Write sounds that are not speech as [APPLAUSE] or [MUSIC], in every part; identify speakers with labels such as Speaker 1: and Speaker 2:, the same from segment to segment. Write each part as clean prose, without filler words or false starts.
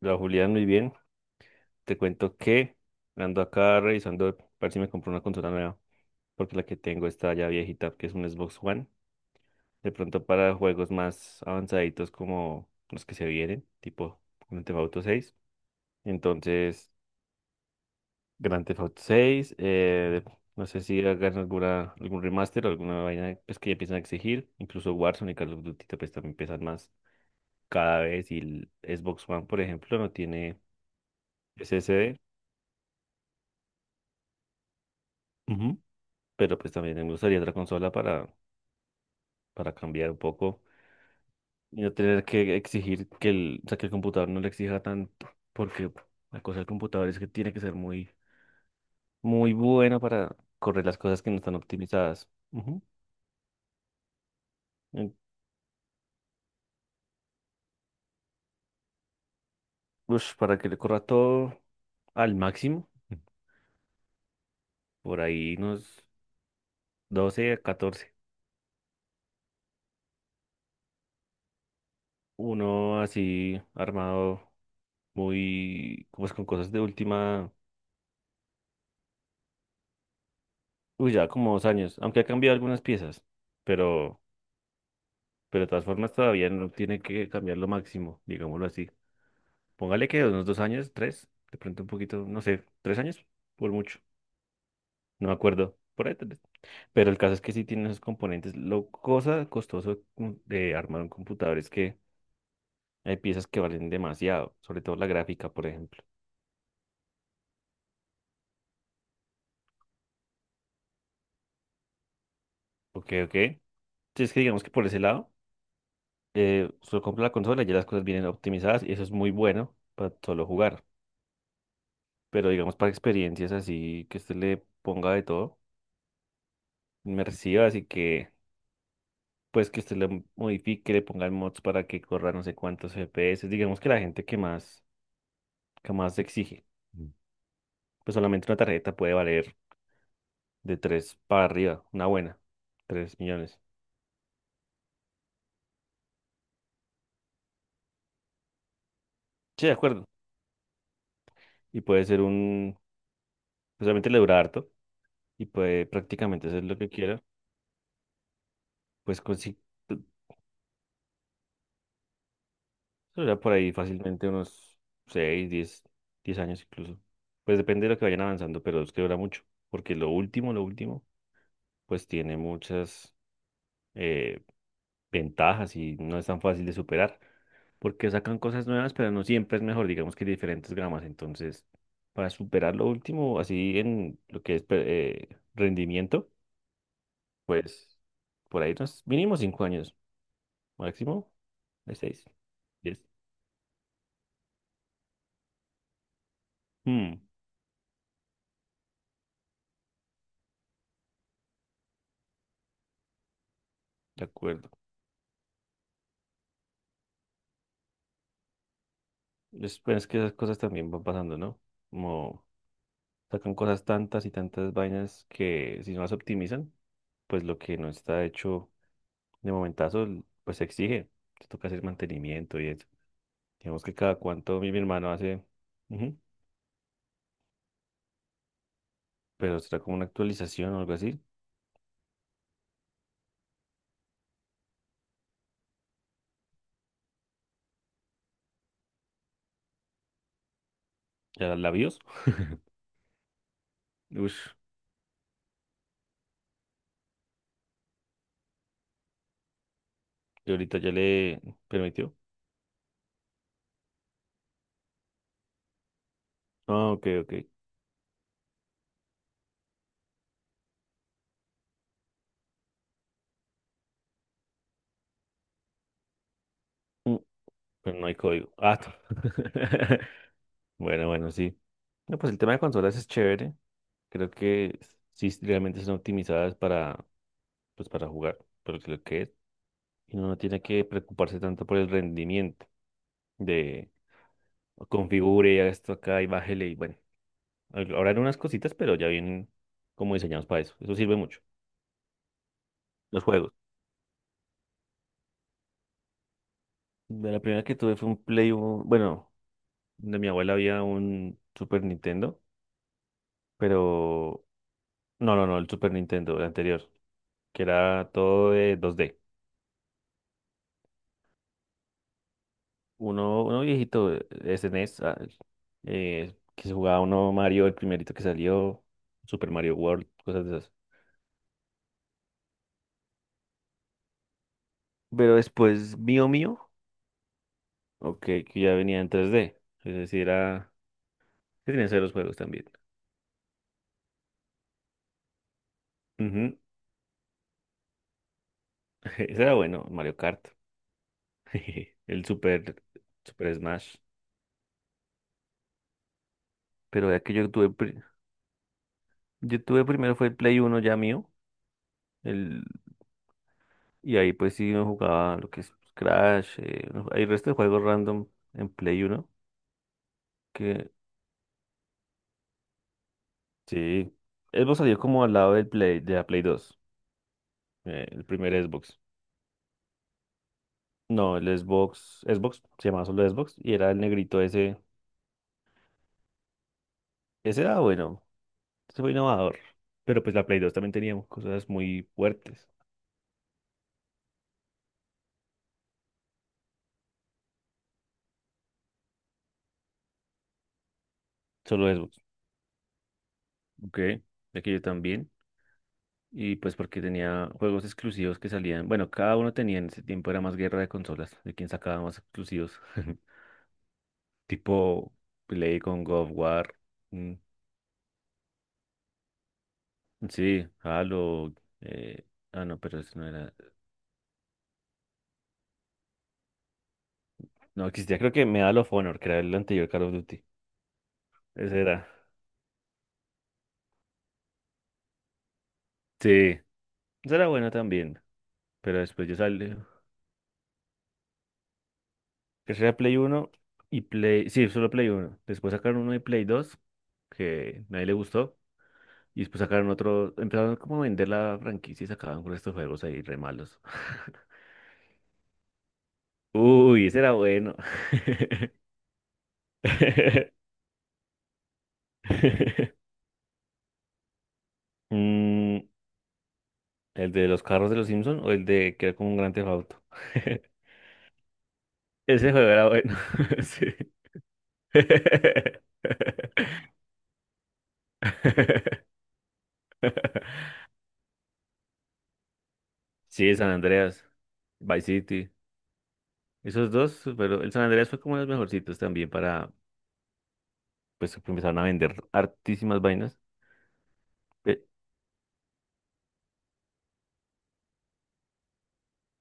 Speaker 1: La Julián, muy bien. Te cuento que ando acá revisando a ver si me compro una consola nueva, porque la que tengo está ya viejita, que es un Xbox One. De pronto para juegos más avanzaditos como los que se vienen, tipo Grand Theft Auto seis. Entonces, Grand Theft Auto seis, no sé si hagan algún remaster o alguna vaina, pues, que ya empiezan a exigir. Incluso Warzone y Call of Duty pues también pesan más cada vez, y el Xbox One, por ejemplo, no tiene SSD. Pero pues también me gustaría otra consola para, cambiar un poco y no tener que exigir que el, o sea, que el computador no le exija tanto, porque la cosa del computador es que tiene que ser muy, muy buena para correr las cosas que no están optimizadas. Ujú. En- Ush, para que le corra todo al máximo, por ahí unos doce a 14. Uno así armado muy, pues, con cosas de última. Uy, ya como dos años, aunque ha cambiado algunas piezas, pero... Pero de todas formas todavía no tiene que cambiar lo máximo, digámoslo así. Póngale que unos dos años, tres, de pronto un poquito, no sé, tres años, por mucho, no me acuerdo, por ahí tres. Pero el caso es que sí tiene esos componentes. Lo cosa costoso de armar un computador es que hay piezas que valen demasiado, sobre todo la gráfica, por ejemplo. Ok, ok. Si es que digamos que por ese lado, solo compra la consola y ya las cosas vienen optimizadas, y eso es muy bueno para solo jugar. Pero digamos para experiencias así que usted le ponga de todo, me reciba, así que pues que usted le modifique, le ponga el mods para que corra no sé cuántos FPS. Digamos que la gente que más, exige. Mm. Pues solamente una tarjeta puede valer de 3 para arriba, una buena, 3 millones. Sí, de acuerdo. Y puede ser un, pues obviamente le dura harto y puede prácticamente hacer lo que quiera, pues consigue por ahí fácilmente unos seis, 10 años incluso. Pues depende de lo que vayan avanzando, pero es que dura mucho, porque lo último, lo último pues tiene muchas eh, ventajas, y no es tan fácil de superar, porque sacan cosas nuevas, pero no siempre es mejor. Digamos que hay diferentes gramas. Entonces, para superar lo último, así en lo que es rendimiento, pues por ahí unos mínimo cinco años, máximo de seis, diez. Mm, de acuerdo. Es, pues, es que esas cosas también van pasando, ¿no? Como sacan cosas, tantas y tantas vainas que, si no las optimizan, pues lo que no está hecho de momentazo, pues se exige, te toca hacer mantenimiento y eso. Digamos que cada cuánto mi hermano hace, ujú, pero será como una actualización o algo así. ¿Ya la BIOS? [LAUGHS] Ush, y ahorita ya le permitió. Ah, ok, ok. Mm, Pero no hay código. Ah, [LAUGHS] bueno, bueno, sí. No, pues el tema de consolas es chévere. Creo que sí, sí, realmente son optimizadas para, pues, para jugar, por lo que es. Y uno no tiene que preocuparse tanto por el rendimiento de configure, haga esto acá y bájele. Y bueno, ahora eran unas cositas, pero ya vienen como diseñados para eso. Eso sirve mucho. Los juegos. De la primera que tuve fue un Play, bueno, de mi abuela había un Super Nintendo, pero no, no, no, el Super Nintendo, el anterior, que era todo de dos d. Uno viejito, SNES, que se jugaba uno Mario, el primerito que salió, Super Mario World, cosas de esas. Pero después mío, ok, que ya venía en tres d, es decir, era... ¿Qué tenías de los juegos también? Ujú. [LAUGHS] Ese era bueno, Mario Kart. [LAUGHS] El Super Smash. Pero ya que yo tuve, yo tuve primero fue el Play Uno ya mío. El, y ahí pues sí uno jugaba lo que es Crash. Hay resto de juegos random en Play Uno. Que sí. Xbox salió como al lado del Play, de la Play dos, el primer Xbox. No, el Xbox. Xbox se llamaba, solo Xbox. Y era el negrito ese. Ese era bueno. Eso fue innovador. Pero pues la Play dos también teníamos cosas muy fuertes. Solo Xbox. Ok, ya que yo también. Y pues porque tenía juegos exclusivos que salían. Bueno, cada uno tenía, en ese tiempo era más guerra de consolas, de quién sacaba más exclusivos. [LAUGHS] Tipo Play con God of War. Mm. Sí, Halo. eh, Ah, no, pero eso no era. No, existía, creo, que Medal of Honor, que era el anterior Call of Duty. Ese era. Sí, ese era bueno también. Pero después yo salí, que sería Play uno y Play, sí, solo Play uno. Después sacaron uno de Play dos que nadie le gustó. Y después sacaron otro, empezaron como a vender la franquicia y sacaban con estos juegos ahí re malos. [LAUGHS] Uy, ese era bueno. [LAUGHS] Mm, ¿el de los carros de los Simpson o el de que era como un gran Theft Auto? [LAUGHS] Ese juego era bueno. [LAUGHS] Sí. [LAUGHS] Sí, San Andreas, Vice City. Esos dos, pero el San Andreas fue como de los mejorcitos también para, pues, que empezaron a vender hartísimas vainas. Eh,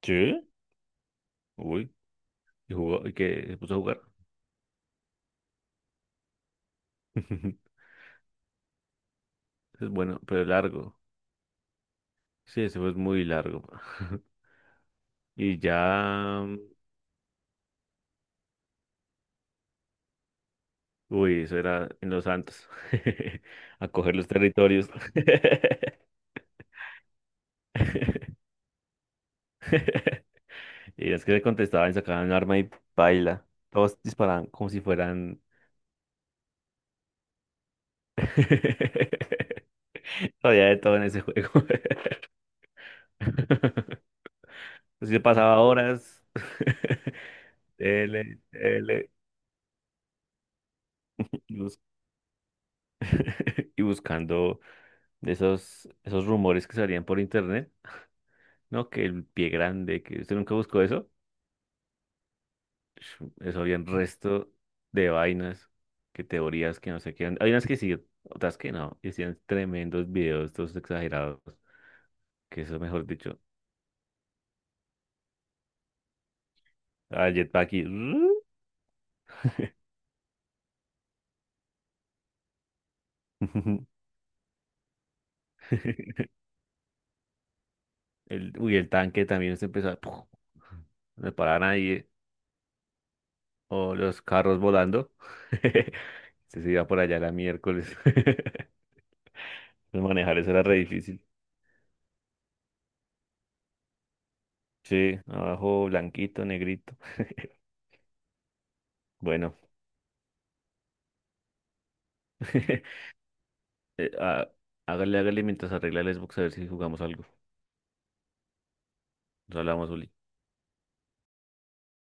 Speaker 1: ¿Qué? Uy, y jugó, y que se puso a jugar. [LAUGHS] Es bueno, pero largo. Sí, ese fue muy largo. [LAUGHS] Y ya, uy, eso era en Los Santos. [LAUGHS] A coger los territorios. [LAUGHS] Y es que le contestaban, sacaban un arma y baila. Todos disparaban como si fueran... [LAUGHS] Había de todo en ese juego. [LAUGHS] [LAUGHS] Así se pasaba horas. [LAUGHS] Tele, tele, bus- [LAUGHS] y buscando esos rumores que salían por internet, ¿no? Que el pie grande, que usted nunca buscó eso. Sh, eso había un resto de vainas, que teorías, que no sé qué. Hay unas que sí, otras que no. Y hacían tremendos videos, todos exagerados. Que eso, mejor dicho. Ah, el jetpack y... [LAUGHS] el tanque también se empezó a... [LAUGHS] No le paraba a nadie. O los carros volando. [LAUGHS] Si se iba por allá la miércoles. [LAUGHS] Manejar eso era re difícil. Sí, abajo blanquito, negrito. [LAUGHS] Bueno, [LAUGHS] eh, ah, hágale, hágale mientras arregla el Xbox a ver si jugamos algo. Nos hablamos, Uli.